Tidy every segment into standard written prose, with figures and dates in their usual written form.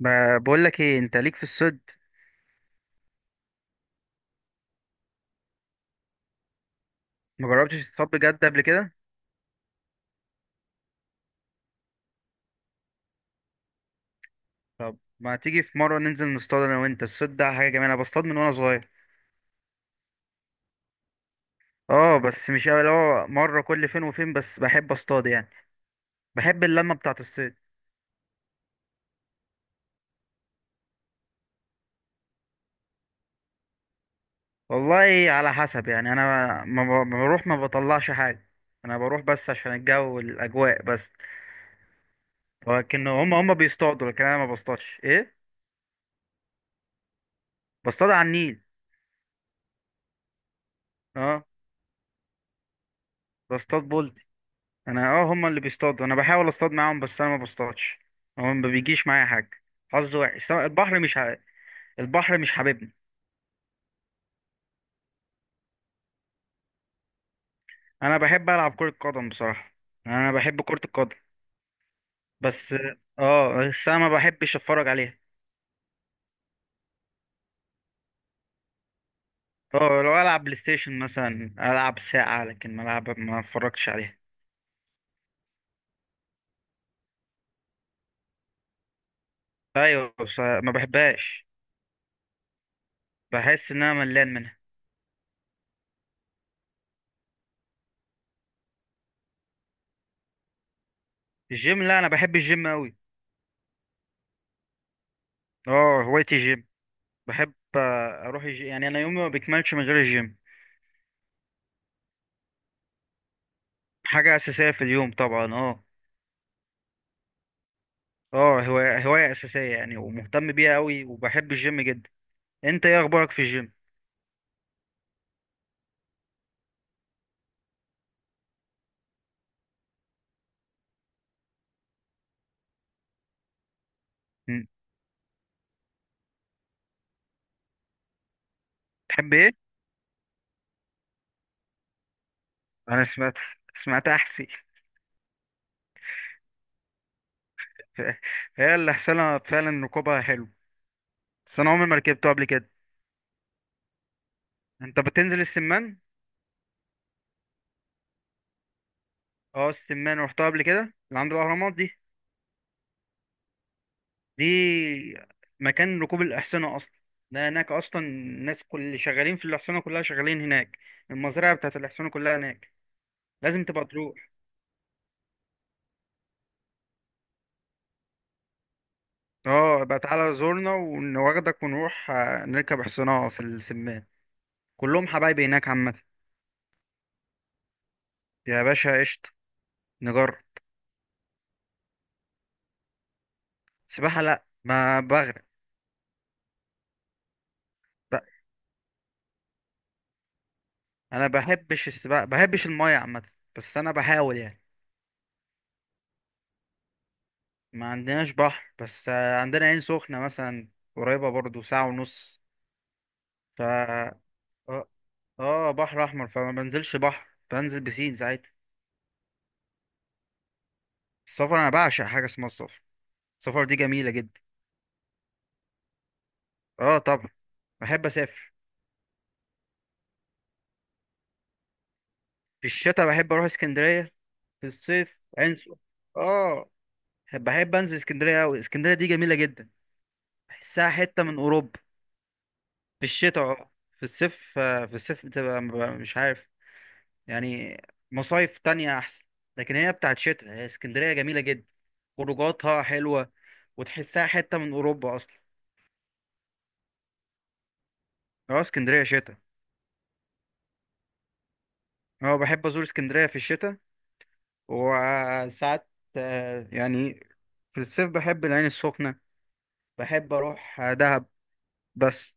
ما بقول لك ايه؟ انت ليك في الصيد؟ ما جربتش تصطاد بجد قبل كده؟ طب ما تيجي في مره ننزل نصطاد انا وانت؟ الصيد ده حاجه جميله، انا بصطاد من وانا صغير. اه، بس مش قوي، اللي هو مره كل فين وفين، بس بحب اصطاد يعني. بحب اللمه بتاعه الصيد. والله على حسب يعني، انا ما بروح ما بطلعش حاجه. انا بروح بس عشان الجو والاجواء بس. لكن هم بيصطادوا، لكن انا ما بصطادش، ايه. بصطاد على النيل. اه. بصطاد بولت. انا، هما اللي بيصطادوا، انا بحاول اصطاد معاهم، بس انا ما بصطادش. هو ما بيجيش معايا حاجه. حظ وحش، سواء. البحر مش حاببني. انا بحب العب كره قدم بصراحه. انا بحب كره القدم. بس. اه، بس انا ما بحبش اتفرج عليها. اه، لو العب بلاي ستيشن مثلا العب ساعه، لكن ما العب ما اتفرجش عليها. ايوه، بس ما بحبهاش. بحس ان انا ملان منها. الجيم؟ لا انا بحب الجيم قوي. اه، هوايتي الجيم. بحب اروح الجيم، يعني انا يومي ما بيكملش من غير الجيم. حاجة أساسية في اليوم طبعا، اه. اه، هواية أساسية يعني، ومهتم بيها أوي، وبحب الجيم جدا. أنت إيه أخبارك في الجيم؟ م. تحب إيه؟ أنا سمعت أحسي. هي اللي حصلها فعلا، ركوبها حلو. بس أنا عمري ما ركبته قبل كده. أنت بتنزل السمان؟ اه، السمان روحتها قبل كده. اللي عند الأهرامات دي. دي مكان ركوب الأحصنة أصلا. ده هناك أصلا، الناس كل اللي شغالين في الأحصنة كلها شغالين هناك. المزرعة بتاعت الأحصنة كلها هناك. لازم تبقى تروح. اه بقى، تعالى زورنا ونواخدك ونروح نركب حصانة في السمان. كلهم حبايبي هناك عامة. يا باشا قشطة. نجرب. سباحة؟ لا ما بغرق. لا، انا بحبش السباحة، بحبش المية عامة. بس انا بحاول يعني. ما عندناش بحر، بس عندنا عين سخنة مثلا. قريبة برضو ساعة ونص. ف اه بحر احمر، فما بنزلش بحر، بنزل بسين ساعتها. السفر، انا بعشق حاجة اسمها السفر. السفر دي جميلة جدا. اه طبعا. بحب اسافر. في الشتاء بحب اروح اسكندريه. في الصيف اه، بحب انزل اسكندريه قوي، اسكندريه دي جميله جدا. بحسها حته من اوروبا. في الشتاء اه. في الصيف ببقى مش عارف. يعني مصايف تانية احسن. لكن هي بتاعت شتاء، هي اسكندريه جميله جدا. خروجاتها حلوه. وتحسها حته من اوروبا اصلا. اه، اسكندريه شتاء. اه بحب ازور اسكندريه في الشتاء. وساعات يعني في الصيف بحب العين السخنه. بحب اروح دهب. بس.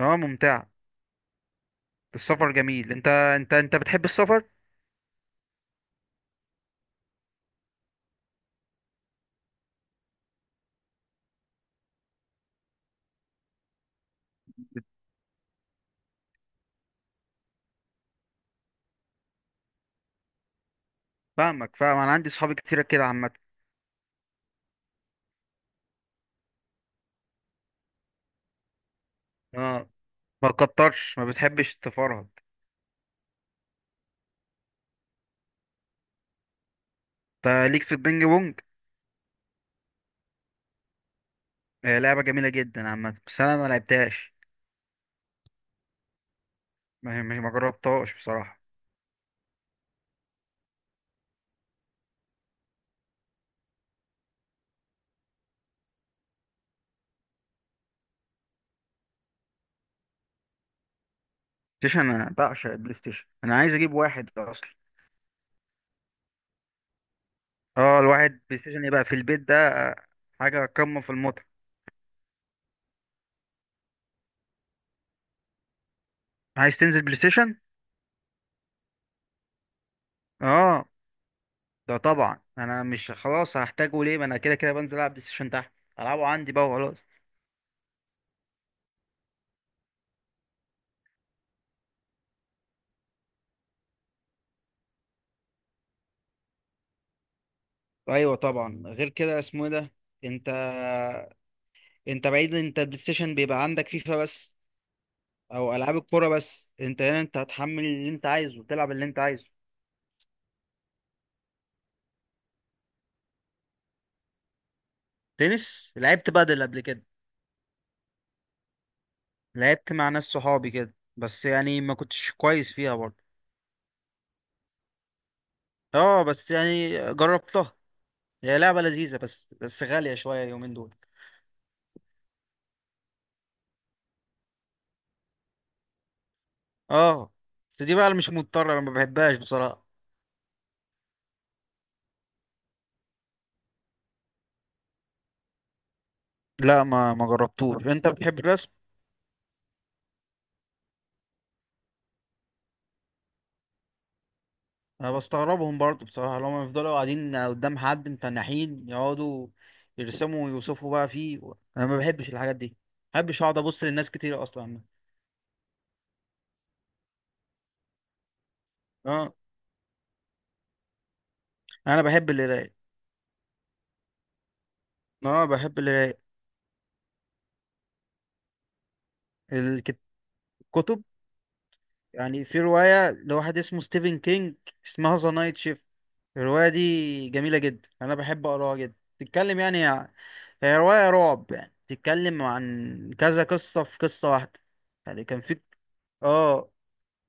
اه، ممتع. السفر جميل، انت بتحب السفر؟ فاهمك، فاهم، انا عندي صحابي كتير كده عامه. اه، ما كترش، ما بتحبش تفرهد. انت ليك في البينج بونج؟ آه، لعبه جميله جدا عامه، بس انا ما لعبتهاش. ما جربتهاش بصراحه. بلاي ستيشن، انا بعشق البلاي ستيشن، انا عايز اجيب واحد اصلا. اه، الواحد بلاي ستيشن يبقى في البيت ده حاجه قمه في المتعه. عايز تنزل بلاي ستيشن؟ اه. ده طبعا انا مش خلاص هحتاجه، ليه؟ ما انا كده كده بنزل العب بلاي ستيشن تحت. العبه عندي بقى وخلاص. ايوه طبعا، غير كده اسمه ايه ده. انت. انت بعيد، انت بلاي ستيشن بيبقى عندك فيفا بس. او العاب الكوره بس، انت هنا انت هتحمل اللي انت عايزه وتلعب اللي انت عايزه. تنس؟ لعبت بادل قبل كده. لعبت مع ناس صحابي كده، بس يعني ما كنتش كويس فيها برضه. اه، بس يعني جربتها. هي لعبه لذيذه، بس غاليه شويه اليومين دول. اه، بس دي بقى اللي مش مضطره، انا ما بحبهاش بصراحه. لا ما جربتوش، انت بتحب؟ انا بستغربهم برضو بصراحه، لما يفضلوا قاعدين قدام حد متنحين يقعدوا يرسموا ويوصفوا بقى فيه. انا ما بحبش الحاجات دي. ما بحبش اقعد ابص للناس كتير اصلا. اه. انا بحب القرايه. اه، بحب القرايه. الكت- الكتب. يعني في روايه لواحد اسمه ستيفن كينج. اسمها ذا نايت شيفت. الروايه دي جميله جدا، انا بحب اقراها جدا، تتكلم يعني. هي روايه رعب، يعني تتكلم عن كذا قصه في قصه واحده. يعني كان في. اه.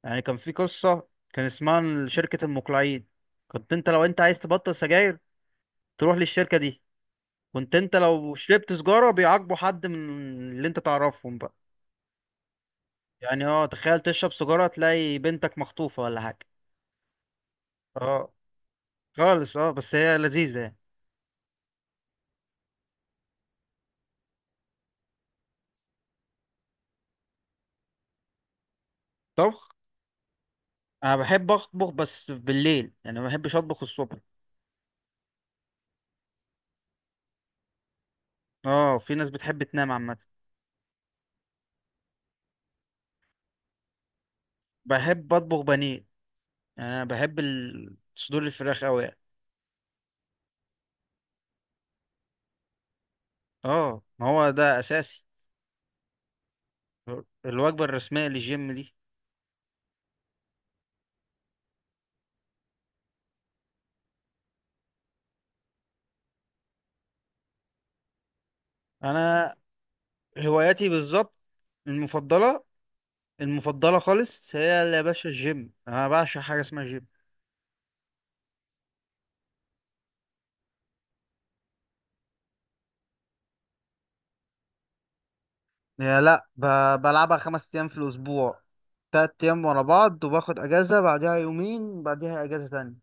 يعني كان في قصة كان اسمها شركة المقلعين. كنت انت لو انت عايز تبطل سجاير، تروح للشركة دي. كنت انت لو شربت سجارة بيعاقبوا حد من اللي انت تعرفهم بقى. يعني تخيل، تشرب سجارة تلاقي بنتك مخطوفة ولا حاجة. اه. خالص اه، بس هي لذيذة يعني. طبخ. انا بحب اطبخ بس بالليل، يعني ما بحبش اطبخ الصبح. اه، في ناس بتحب تنام عامة. بحب اطبخ بانيه. يعني انا بحب صدور الفراخ اوي يعني. اه، ما هو ده اساسي. الوجبة الرسمية للجيم دي. أنا، هواياتي بالظبط. المفضلة. المفضلة خالص، هي اللي يا باشا الجيم، أنا بعشق حاجة اسمها جيم. يا لا ب... بلعبها 5 أيام في الأسبوع. 3 أيام ورا بعض وباخد أجازة بعدها يومين بعدها أجازة تانية.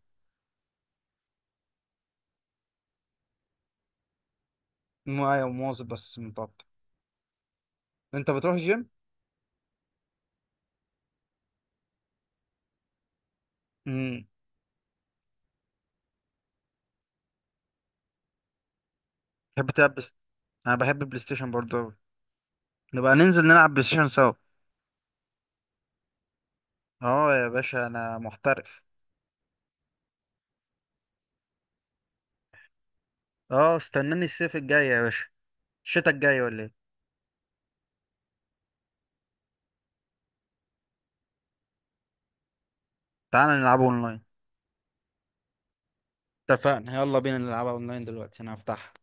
معايا ومواظب بس متقطع. أنت بتروح الجيم؟ امم. تحب تلعب بس. أنا بحب بلاي ستيشن برضه أوي. نبقى ننزل نلعب بلاي ستيشن سوا. اه يا باشا، أنا محترف. اه، استناني الصيف الجاي يا باشا. الشتا الجاي ولا ايه؟ تعال نلعبه اونلاين. اتفقنا. يا الله بنا نلعبه اونلاين دلوقتي. انا افتحه.